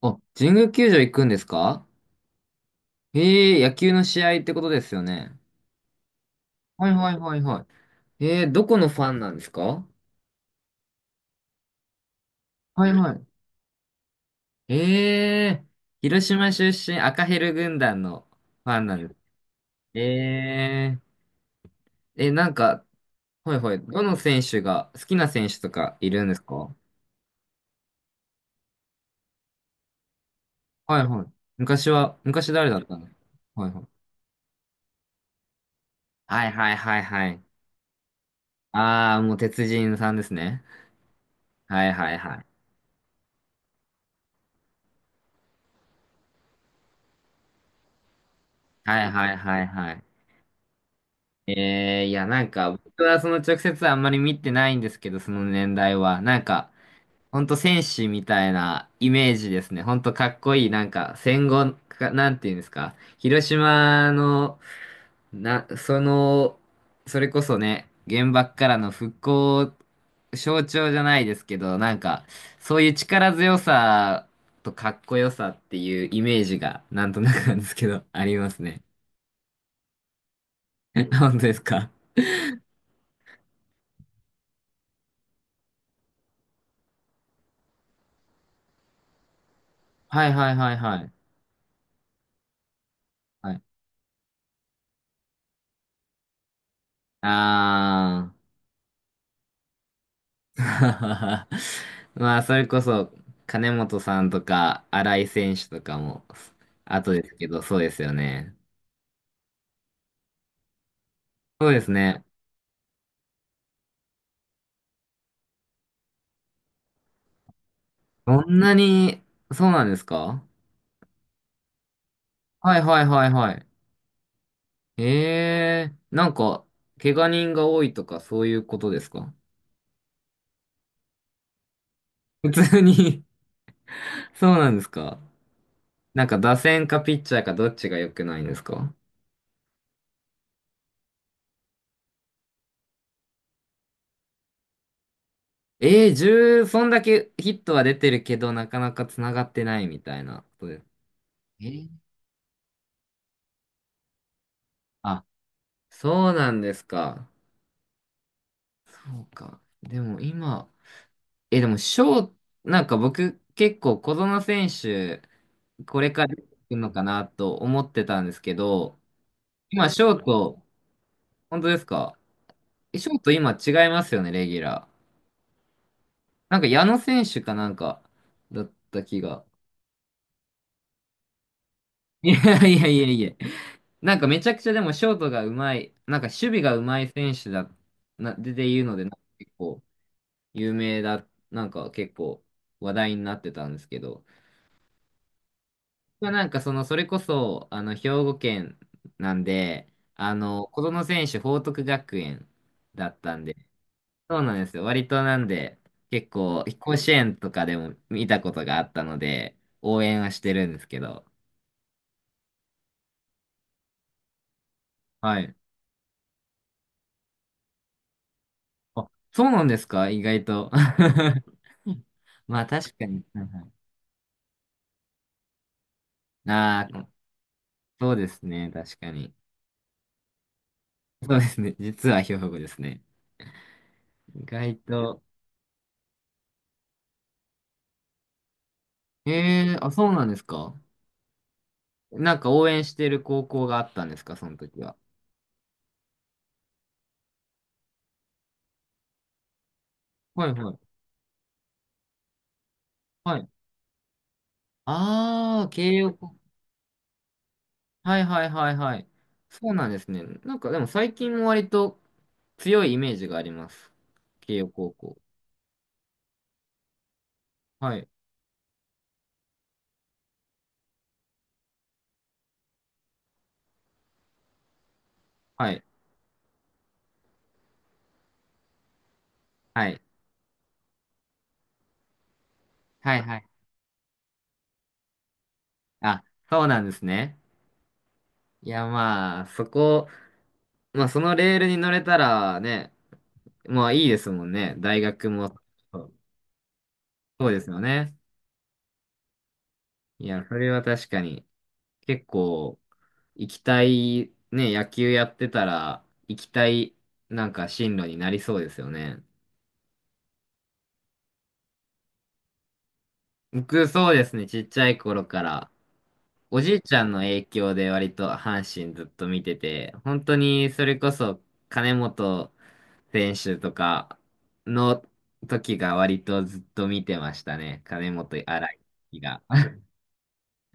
あ、神宮球場行くんですか？へえ、野球の試合ってことですよね。はいはいはいはい。どこのファンなんですか？はいはい。えー、広島出身赤ヘル軍団のファンなんです。えなんか、はいはい。どの選手が、好きな選手とかいるんですか？はいはい。昔誰だったの？はいはい。はいはいはいはい。あー、もう鉄人さんですね。はいはいはい。はいはいはいはい。ええ、いや、なんか、僕はその直接あんまり見てないんですけど、その年代は。なんか、ほんと戦士みたいなイメージですね。ほんとかっこいい、なんか、戦後か、なんていうんですか。広島の、な、その、それこそね、原爆からの復興象徴じゃないですけど、なんか、そういう力強さとかっこよさっていうイメージが、なんとなくなんですけど、ありますね。本当ですか？はいはいはいはい。はい。ああ。まあ、それこそ、金本さんとか、新井選手とかも、後ですけど、そうですよね。そうですね。そんなに、そうなんですか？はいはいはいはい。ええ、なんか、怪我人が多いとか、そういうことですか？普通に。 そうなんですか？なんか、打線かピッチャーかどっちが良くないんですか？ええ、10、そんだけヒットは出てるけど、なかなか繋がってないみたいなことです。ええ、あ、そうなんですか。そうか。でも今、え、でもなんか僕結構小園選手、これから出てくるのかなと思ってたんですけど、今翔と、本当ですか？え、翔と今違いますよね、レギュラー。なんか矢野選手かなんか、だった気が。いやいやいやいや。なんかめちゃくちゃでもショートがうまい、なんか守備がうまい選手だ、な、で言うので、なんか結構、有名だ、なんか結構話題になってたんですけど、まあ、なんかその、それこそ、あの、兵庫県なんで、あの、子供選手報徳学園だったんで、そうなんですよ。割となんで、結構、甲子園とかでも見たことがあったので、応援はしてるんですけど、はい。あ、そうなんですか意外と。まあ確かに。ああー、そうですね。確かに。そうですね。実は兵庫ですね。意外と。ええ、あ、そうなんですか。なんか応援してる高校があったんですか、その時は。はいはい。はい。ああ、慶応高。はいはいはいはい。そうなんですね。なんかでも最近も割と強いイメージがあります。慶応高校。はい。はい。はい。はいはい。あ、そうなんですね。いやまあ、そこ、まあそのレールに乗れたらね、まあいいですもんね。大学も。そうそうですよね。いや、それは確かに結構、行きたい、ね、野球やってたら、行きたい、なんか進路になりそうですよね。僕、そうですね、ちっちゃい頃から、おじいちゃんの影響で割と阪神ずっと見てて、本当にそれこそ金本選手とかの時が割とずっと見てましたね。金本荒い時が。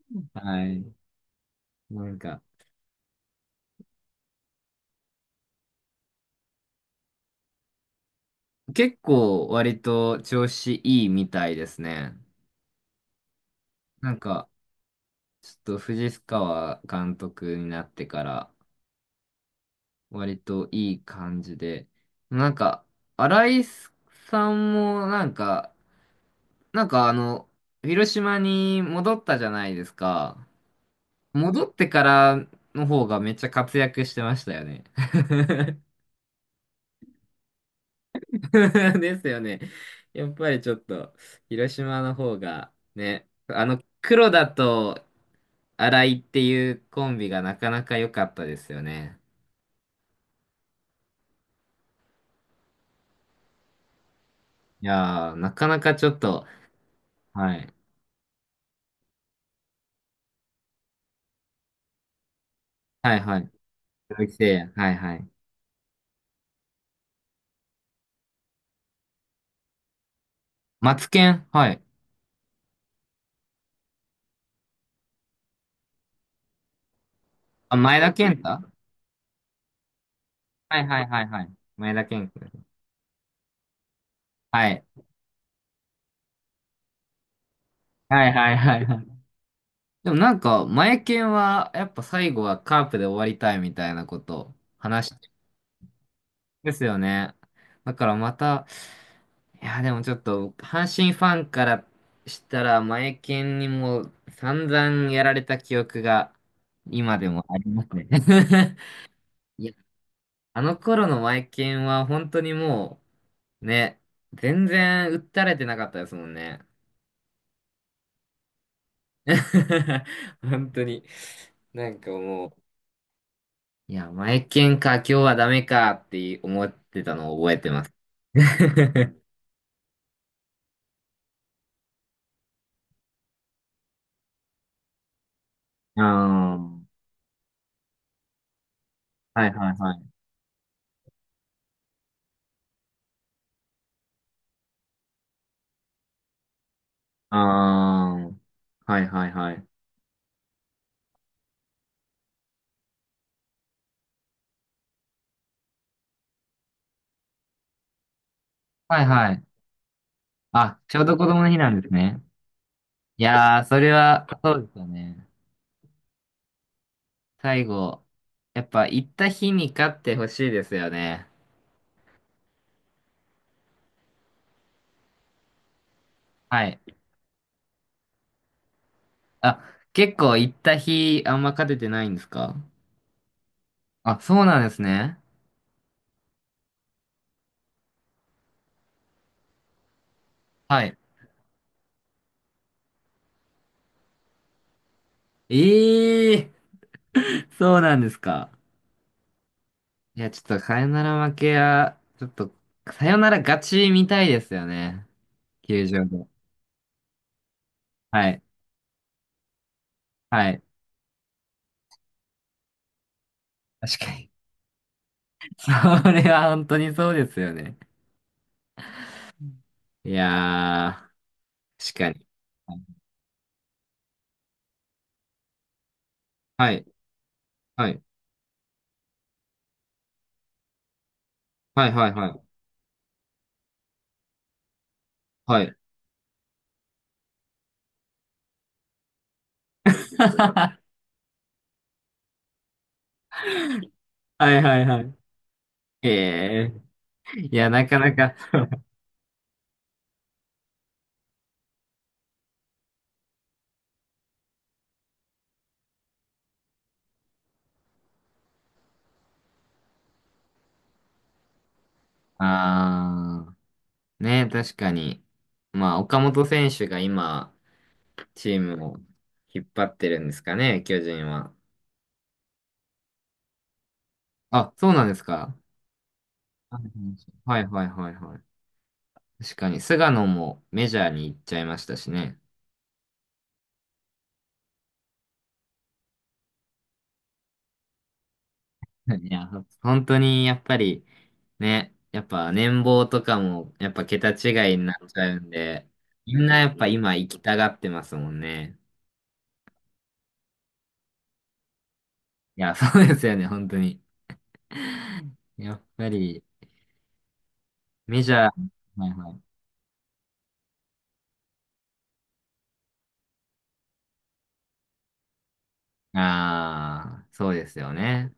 はい。なんか、結構割と調子いいみたいですね。なんか、ちょっと藤川監督になってから割といい感じで、なんか、新井さんもなんか、なんかあの、広島に戻ったじゃないですか。戻ってからの方がめっちゃ活躍してましたよね。ですよね。やっぱりちょっと、広島の方がね、あの、黒田と新井っていうコンビがなかなか良かったですよね。いやー、なかなかちょっと、はい。はいはい。鈴木誠也、はいはい。マツケン、はい。あ、前田健太。はいはいはいはい。前田健君。はい。はいはいはいはい。でもなんか、前健は、やっぱ最後はカープで終わりたいみたいなこと話してるんですよね。だからまた、いや、でもちょっと、阪神ファンからしたら、前健にも散々やられた記憶が今でもありますね。あの頃のマイケンは本当にもう、ね、全然訴たれてなかったですもんね。本当に。なんかもう、いや、マイケンか、今日はダメかって思ってたのを覚えてます。ああ、はいはいはい。ああ、はいはいはい。はいはい。あ、ちょうど子供の日なんですね。いやー、それは、そうですよね。最後、やっぱ行った日に勝ってほしいですよね。はい。あ、結構行った日あんま勝ててないんですか？あ、そうなんですね。はい。ええー、そうなんですか。いや、ちょっとさよなら負けは、ちょっと、さよなら勝ちみたいですよね。球場で。はい。はい。確かに。それは本当にそうですよね。いやー、確かに。はい。はい。はい。はい。はい。はい。はい。はい。はい。ええー。いや、なかなか、あー。ね、確かに。まあ、岡本選手が今、チームを引っ張ってるんですかね、巨人は。あ、そうなんですか。はいはいはいはい。確かに、菅野もメジャーに行っちゃいましたしね。いや、本当にやっぱり、ね、やっぱ年俸とかも、やっぱ桁違いになっちゃうんで、みんなやっぱ今行きたがってますもんね。いや、そうですよね、本当に。やっぱり、メジャー、はいはい。ああ、そうですよね。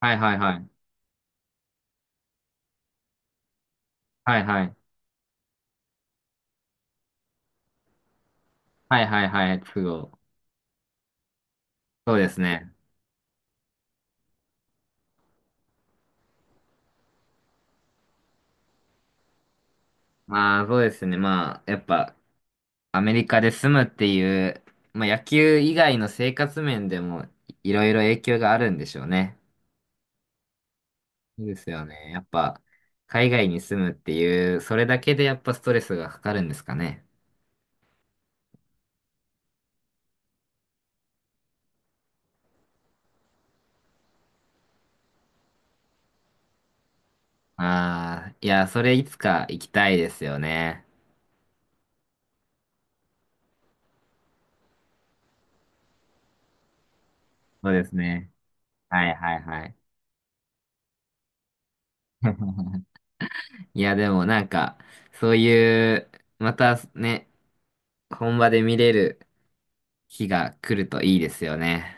はいはいはい。はいはい。はいはいはい。都合。そうですね。まあそうですね。まあやっぱアメリカで住むっていう、まあ野球以外の生活面でもいろいろ影響があるんでしょうね。そうですよね。やっぱ海外に住むっていう、それだけでやっぱストレスがかかるんですかね。ああ、いや、それいつか行きたいですよね。そうですね。はいはいはい。いや、でもなんか、そういう、またね、本場で見れる日が来るといいですよね。